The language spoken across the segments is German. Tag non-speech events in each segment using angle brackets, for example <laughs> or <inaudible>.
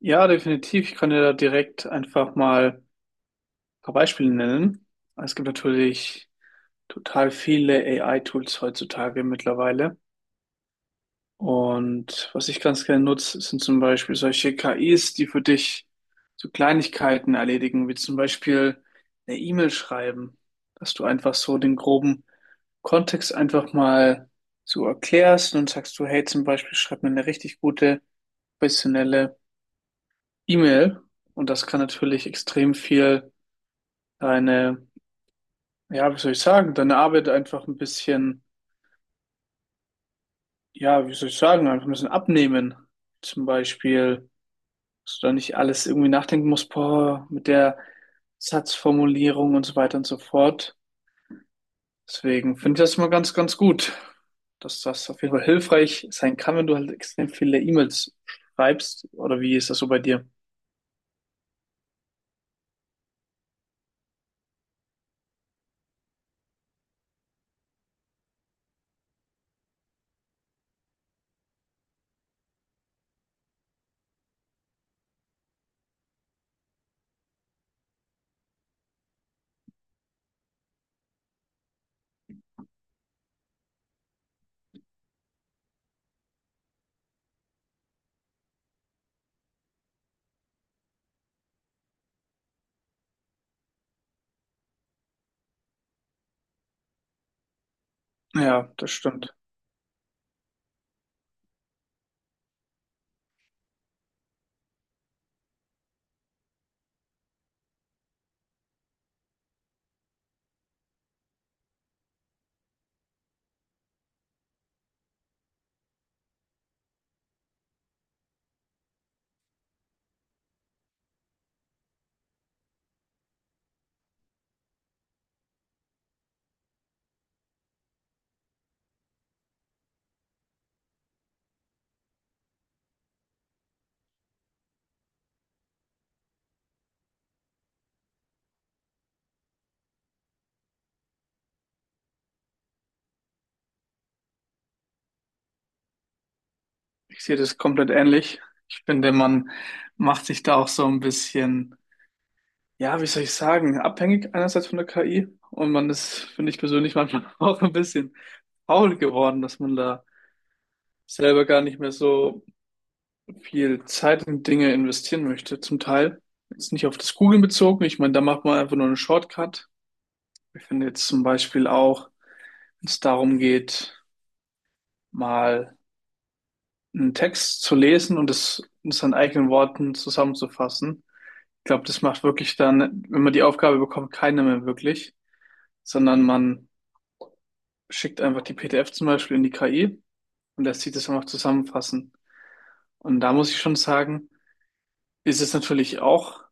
Ja, definitiv. Ich kann dir da direkt einfach mal ein paar Beispiele nennen. Es gibt natürlich total viele AI-Tools heutzutage mittlerweile. Und was ich ganz gerne nutze, sind zum Beispiel solche KIs, die für dich so Kleinigkeiten erledigen, wie zum Beispiel eine E-Mail schreiben, dass du einfach so den groben Kontext einfach mal so erklärst und sagst du, hey, zum Beispiel schreib mir eine richtig gute, professionelle E-Mail, und das kann natürlich extrem viel deine, ja, wie soll ich sagen, deine Arbeit einfach ein bisschen, ja, wie soll ich sagen, einfach ein bisschen abnehmen. Zum Beispiel, dass du da nicht alles irgendwie nachdenken musst, boah, mit der Satzformulierung und so weiter und so fort. Deswegen finde ich das mal ganz, ganz gut, dass das auf jeden Fall hilfreich sein kann, wenn du halt extrem viele E-Mails schreibst. Oder wie ist das so bei dir? Ja, das stimmt. Ich sehe das komplett ähnlich. Ich finde, man macht sich da auch so ein bisschen, ja, wie soll ich sagen, abhängig einerseits von der KI, und man ist, finde ich persönlich, manchmal <laughs> auch ein bisschen faul geworden, dass man da selber gar nicht mehr so viel Zeit in Dinge investieren möchte, zum Teil. Jetzt nicht auf das Googlen bezogen. Ich meine, da macht man einfach nur einen Shortcut. Ich finde jetzt zum Beispiel auch, wenn es darum geht, mal einen Text zu lesen und es in seinen eigenen Worten zusammenzufassen. Ich glaube, das macht wirklich dann, wenn man die Aufgabe bekommt, keiner mehr wirklich, sondern man schickt einfach die PDF zum Beispiel in die KI und lässt sich das einfach zusammenfassen. Und da muss ich schon sagen, ist es natürlich auch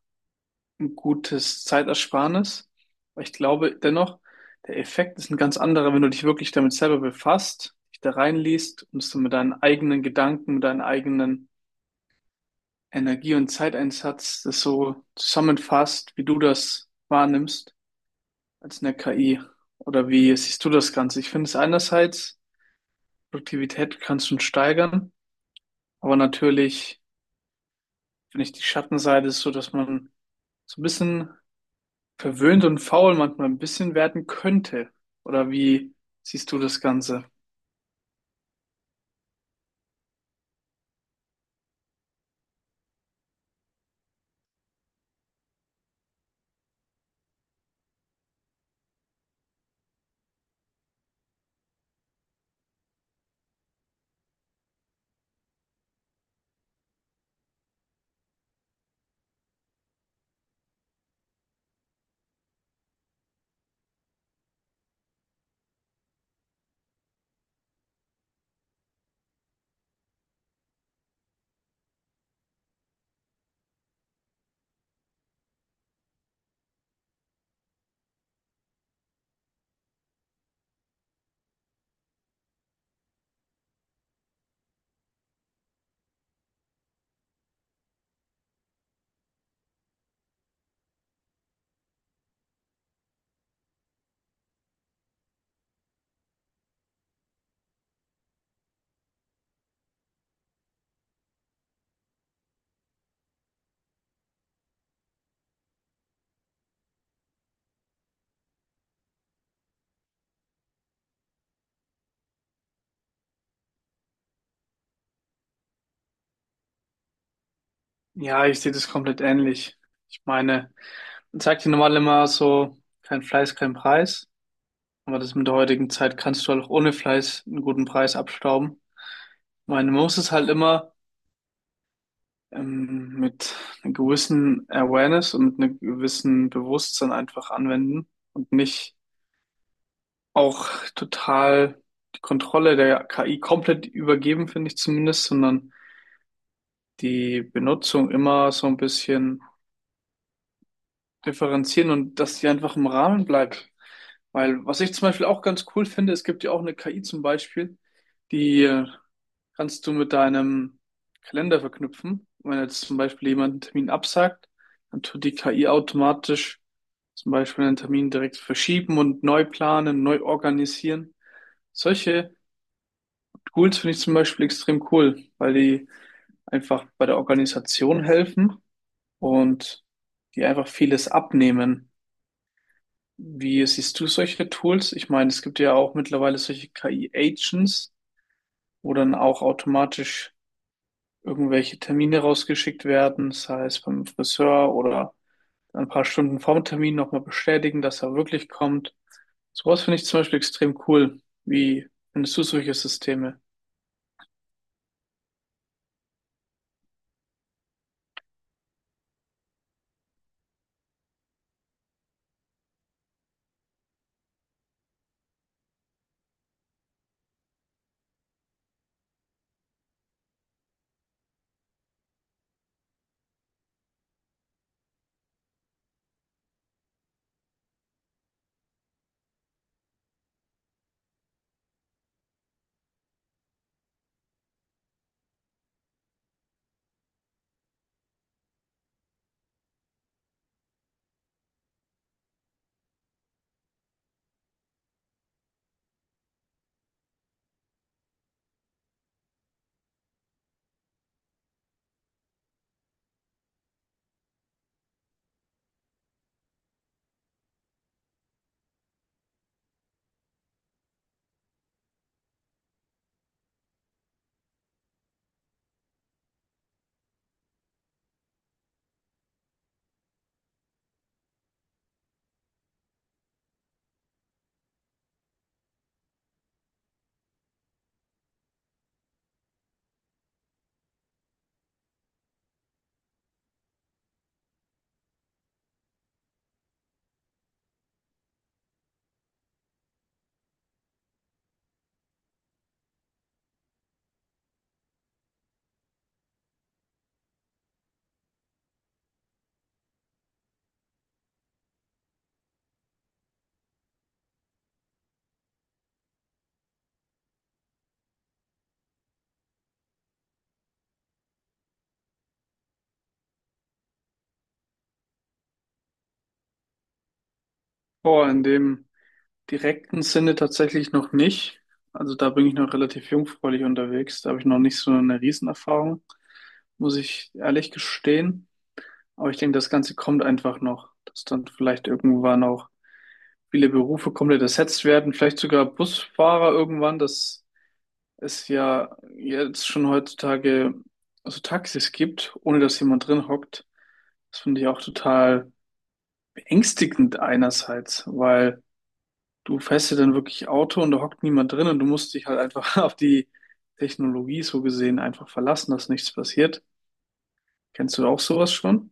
ein gutes Zeitersparnis. Aber ich glaube dennoch, der Effekt ist ein ganz anderer, wenn du dich wirklich damit selber befasst, dich da reinliest und es dann mit deinen eigenen Gedanken, mit deinen eigenen Energie- und Zeiteinsatz das so zusammenfasst, wie du das wahrnimmst, als eine KI. Oder wie siehst du das Ganze? Ich finde es einerseits, Produktivität kannst du steigern, aber natürlich finde ich die Schattenseite ist so, dass man so ein bisschen verwöhnt und faul manchmal ein bisschen werden könnte. Oder wie siehst du das Ganze? Ja, ich sehe das komplett ähnlich. Ich meine, man sagt ja normal immer so, kein Fleiß, kein Preis. Aber das mit der heutigen Zeit kannst du halt auch ohne Fleiß einen guten Preis abstauben. Ich meine, man muss es halt immer mit einer gewissen Awareness und mit einem gewissen Bewusstsein einfach anwenden und nicht auch total die Kontrolle der KI komplett übergeben, finde ich zumindest, sondern die Benutzung immer so ein bisschen differenzieren, und dass die einfach im Rahmen bleibt. Weil was ich zum Beispiel auch ganz cool finde, es gibt ja auch eine KI zum Beispiel, die kannst du mit deinem Kalender verknüpfen. Wenn jetzt zum Beispiel jemand einen Termin absagt, dann tut die KI automatisch zum Beispiel einen Termin direkt verschieben und neu planen, neu organisieren. Solche Tools finde ich zum Beispiel extrem cool, weil die einfach bei der Organisation helfen und die einfach vieles abnehmen. Wie siehst du solche Tools? Ich meine, es gibt ja auch mittlerweile solche KI-Agents, wo dann auch automatisch irgendwelche Termine rausgeschickt werden, sei es beim Friseur oder ein paar Stunden vor dem Termin nochmal bestätigen, dass er wirklich kommt. Sowas finde ich zum Beispiel extrem cool. Wie findest du solche Systeme? Boah, in dem direkten Sinne tatsächlich noch nicht. Also da bin ich noch relativ jungfräulich unterwegs. Da habe ich noch nicht so eine Riesenerfahrung, muss ich ehrlich gestehen. Aber ich denke, das Ganze kommt einfach noch, dass dann vielleicht irgendwann auch viele Berufe komplett ersetzt werden, vielleicht sogar Busfahrer irgendwann, dass es ja jetzt schon heutzutage so Taxis gibt, ohne dass jemand drin hockt. Das finde ich auch total beängstigend einerseits, weil du fährst ja dann wirklich Auto und da hockt niemand drin und du musst dich halt einfach <laughs> auf die Technologie so gesehen einfach verlassen, dass nichts passiert. Kennst du auch sowas schon?